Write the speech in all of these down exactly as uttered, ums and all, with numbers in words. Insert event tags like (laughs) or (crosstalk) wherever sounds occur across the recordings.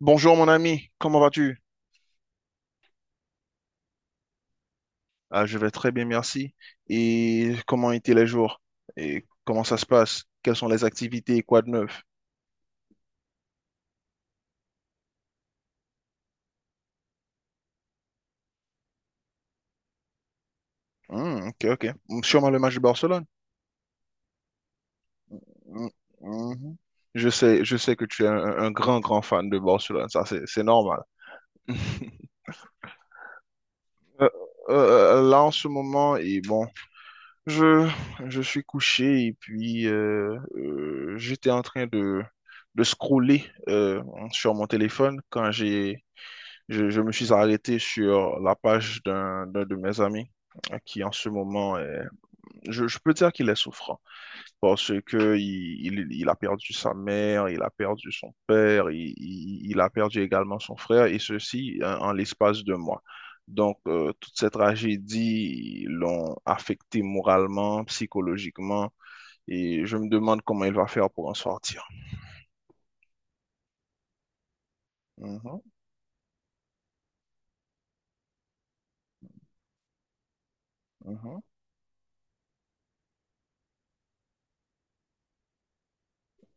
Bonjour mon ami, comment vas-tu? Ah, je vais très bien, merci. Et comment étaient les jours? Et comment ça se passe? Quelles sont les activités? Quoi de neuf? Hmm, ok, ok. Hmm, sûrement le match de Barcelone. Hmm, mhm. Je sais, je sais que tu es un, un grand, grand fan de Barcelone, ça c'est c'est normal. (laughs) Euh, euh, là en ce moment, et bon, je, je suis couché et puis euh, euh, j'étais en train de, de scroller euh, sur mon téléphone quand j'ai Je, je me suis arrêté sur la page d'un d'un de mes amis euh, qui en ce moment est- je, je peux dire qu'il est souffrant parce que il, il, il a perdu sa mère, il a perdu son père, il, il- il a perdu également son frère et ceci euh, en, l'espace de mois. Donc, euh, toutes ces tragédies l'ont affecté moralement, psychologiquement, et je me demande comment il va faire pour en sortir. Mhm, mhm.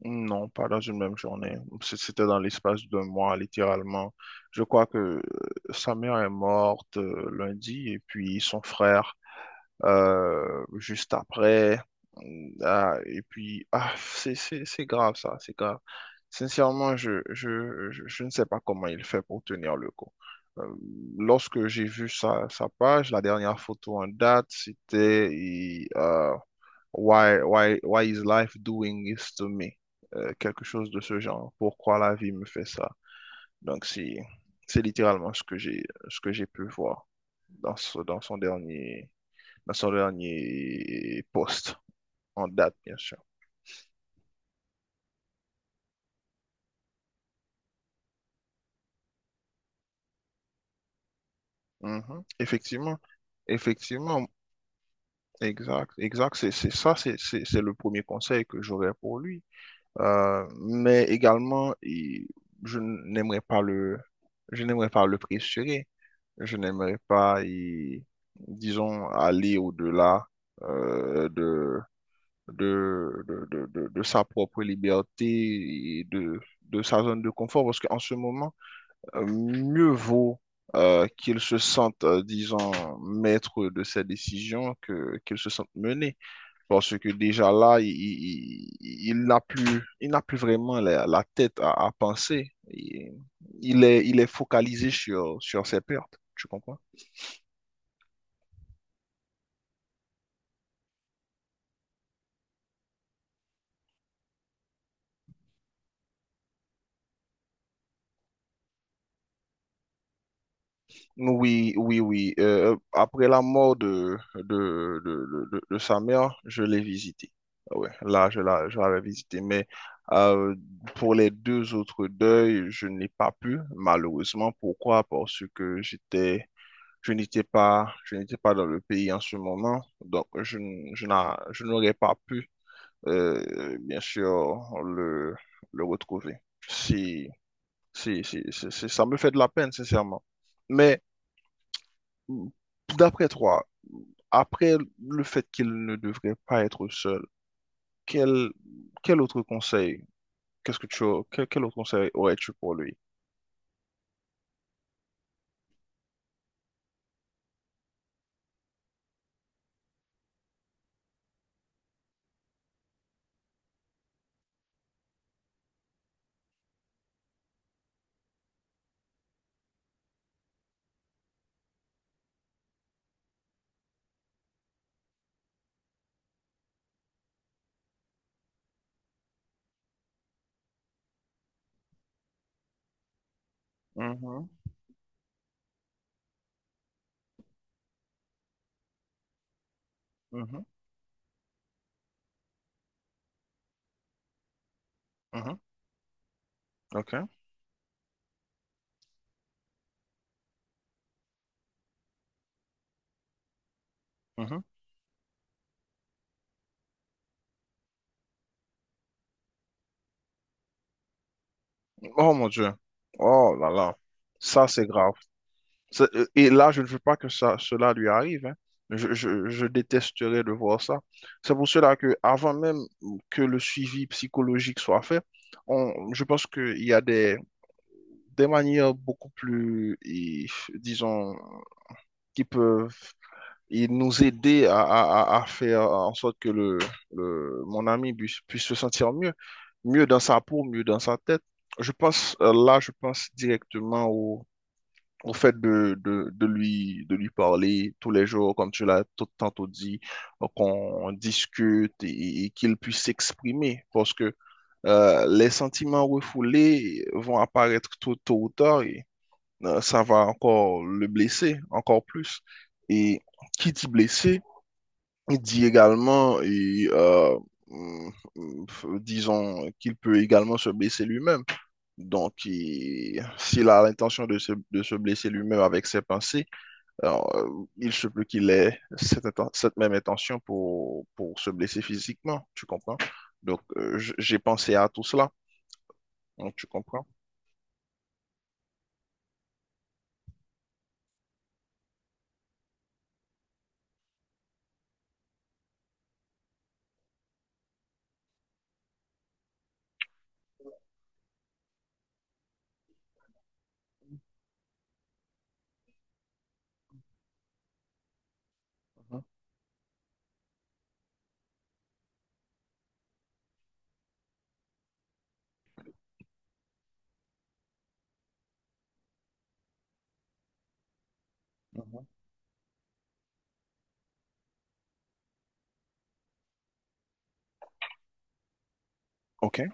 Non, pas dans une même journée. C- C'était dans l'espace d'un mois, littéralement. Je crois que euh, sa mère est morte euh, lundi et puis son frère euh, juste après. Mmh, ah, et puis, ah, c'est c'est- c'est grave ça, c'est grave. Sincèrement, je, je, je, je ne sais pas comment il fait pour tenir le coup. Euh, lorsque j'ai vu sa, sa page, la dernière photo en date, c'était... Why, why, why is life doing this to me? Euh, quelque chose de ce genre. Pourquoi la vie me fait ça? Donc, si, c'est littéralement ce que j'ai, ce que j'ai pu voir dans ce- dans son dernier, dans son dernier post en date, bien sûr. Mhm. Effectivement, effectivement, exact, exact. C'est, c'est ça, c'est, c'est, c'est le premier conseil que j'aurais pour lui. Euh, mais également, il- je n'aimerais pas le, je n'aimerais pas le pressurer. Je n'aimerais pas, y- disons, aller au-delà euh, de, de, de, de, de- de sa propre liberté et de, de sa zone de confort, parce qu'en ce moment, euh, mieux vaut euh, qu'il se sente, euh, disons, maître de ses décisions que qu'il se sente mené, parce que déjà là, il, il, il- il n'a plus, il n'a plus vraiment la, la tête à, à penser. Il, il est, il est focalisé sur, sur ses pertes, tu comprends? Oui, oui, oui. Euh, après la mort de, de, de, de, de- de sa mère, je l'ai visité. Ah ouais, là, je la, je l'avais visité. Mais euh, pour les deux autres deuils, je n'ai pas pu, malheureusement. Pourquoi? Parce que j'étais, je n'étais pas, je n'étais pas dans le pays en ce moment. Donc, je, n- je n'a- je n'aurais pas pu, euh, bien sûr, le, le retrouver. Si, si, si, si- si- ça me fait de la peine, sincèrement. Mais d'après toi, après le fait qu'il ne devrait pas être seul, quel, quel autre conseil, qu'est-ce que tu, as- quel, quel autre conseil aurais-tu pour lui? Mhm, mhm, mhm, ok, mhm. Oh mon Dieu. Oh là là. Ça, c'est grave. C'est- euh, Et là, je ne veux pas que ça, cela lui arrive, hein. Je, je, je détesterais de voir ça. C'est pour cela que, avant même que le suivi psychologique soit fait, on, je pense qu'il y a des des manières beaucoup plus, et, disons, qui peuvent et nous aider à, à- à- à faire en sorte que le, le- mon ami puisse, puisse se sentir mieux, mieux dans sa peau, mieux dans sa tête. Je pense, euh, là, je pense directement au, au fait de, de, de lui, de lui parler tous les jours, comme tu l'as tout tantôt dit, euh, qu'on discute et, et qu'il puisse s'exprimer, parce que euh, les sentiments refoulés vont apparaître tôt, tôt ou tard, euh, ça va encore le blesser, encore plus. Et qui dit blessé, il dit également, et, euh, mm, mm, disons, qu'il peut également se blesser lui-même. Donc, il- s'il a l'intention de se, de se blesser lui-même avec ses pensées, alors, euh, il se peut qu'il ait cette, cette même intention pour, pour se blesser physiquement, tu comprends? Donc, euh, j- j'ai pensé à tout cela. Donc, tu comprends? Mhm, mhm. OK.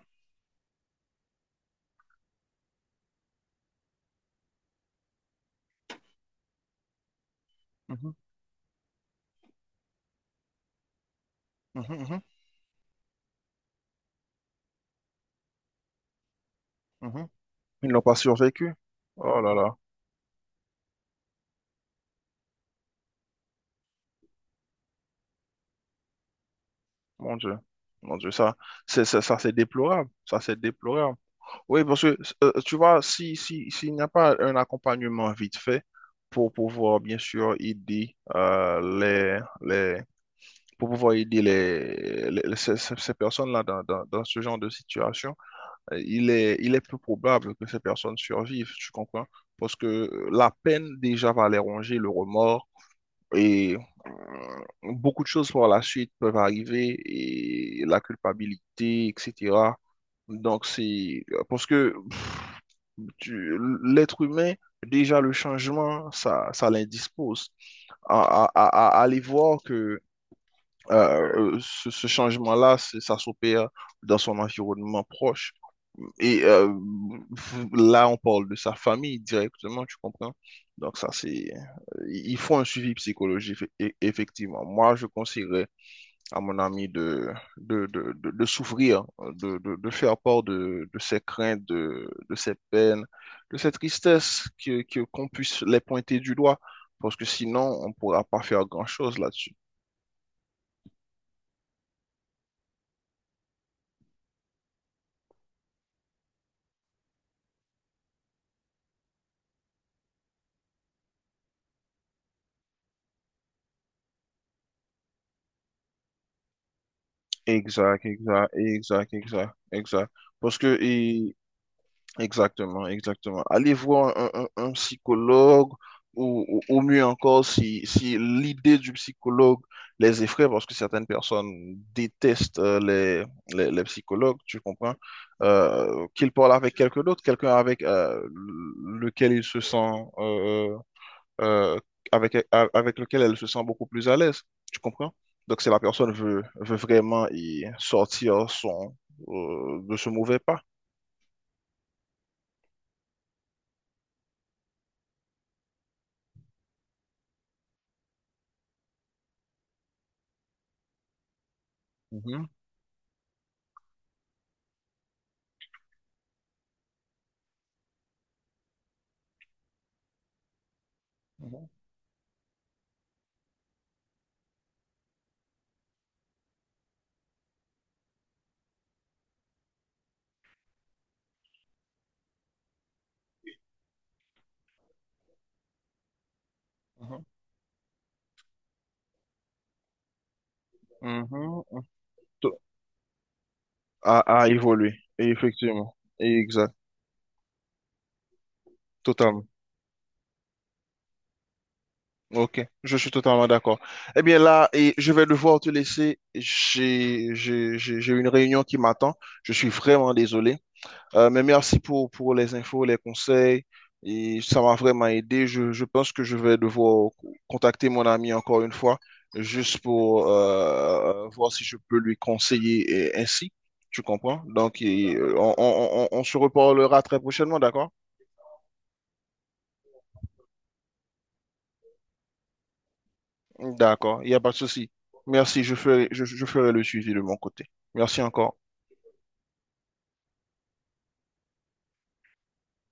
Mhm, mhm, mhm, mhm. Ils n'ont pas survécu. Oh là là, mon Dieu. Mon Dieu, ça, c'est, ça, ça, c'est déplorable. Ça, c'est déplorable. Oui, parce que, euh, tu vois, si, si, s'il n'y a pas un accompagnement vite fait pour pouvoir, bien sûr, aider, euh, les, les, pour pouvoir aider les, les- les- ces, ces- ces personnes-là dans, dans, dans ce genre de situation, euh, il est, il est peu probable que ces personnes survivent, tu comprends? Parce que la peine déjà va les ronger, le remords. Et euh, beaucoup de choses par la suite peuvent arriver et la culpabilité, et cetera. Donc c'est euh, parce que pff, tu- l'être humain, déjà le changement, ça, ça l'indispose. À, à- à- à aller voir que euh, euh, ce, ce changement-là, c'est- ça s'opère dans son environnement proche et euh, là, on parle de sa famille directement, tu comprends? Donc ça, c'est... euh, il faut un suivi psychologique, eff- effectivement. Moi, je conseillerais à mon ami de, de, de, de, de s'ouvrir, de, de, de faire part de, de ses craintes, de, de ses peines, de ses tristesses, que, que, qu'on puisse les pointer du doigt, parce que sinon, on ne pourra pas faire grand-chose là-dessus. Exact, exact, exact, exact, exact. Parce que, et- exactement, exactement. Allez voir un, un- un psychologue ou, ou- ou mieux encore si, si l'idée du psychologue les effraie, parce que certaines personnes détestent euh, les, les, les psychologues, tu comprends, euh, qu'ils parlent avec quelqu'un d'autre, quelqu'un avec euh, lequel ils se sentent euh, avec, a- avec lequel elle se sent beaucoup plus à l'aise. Tu comprends? Donc, si la personne veut, veut vraiment y sortir son, euh, de ce mauvais pas. Mhm, mhm, mhm, mhm, mhm. To- À, à évoluer, effectivement. Exact, totalement. Ok, je suis totalement d'accord. Eh bien là, et je vais devoir te laisser. J'ai, j'ai, j'ai j'ai une réunion qui m'attend. Je suis vraiment désolé. Euh, mais merci pour, pour les infos, les conseils. Et ça m'a vraiment aidé. Je, je pense que je vais devoir co- contacter mon ami encore une fois, juste pour euh, voir si je peux lui conseiller et ainsi. Tu comprends? Donc, et, euh, on, on on- on se reparlera très prochainement, d'accord? D'accord, il n'y a pas de souci. Merci, je ferai, je, je ferai le suivi de mon côté. Merci encore.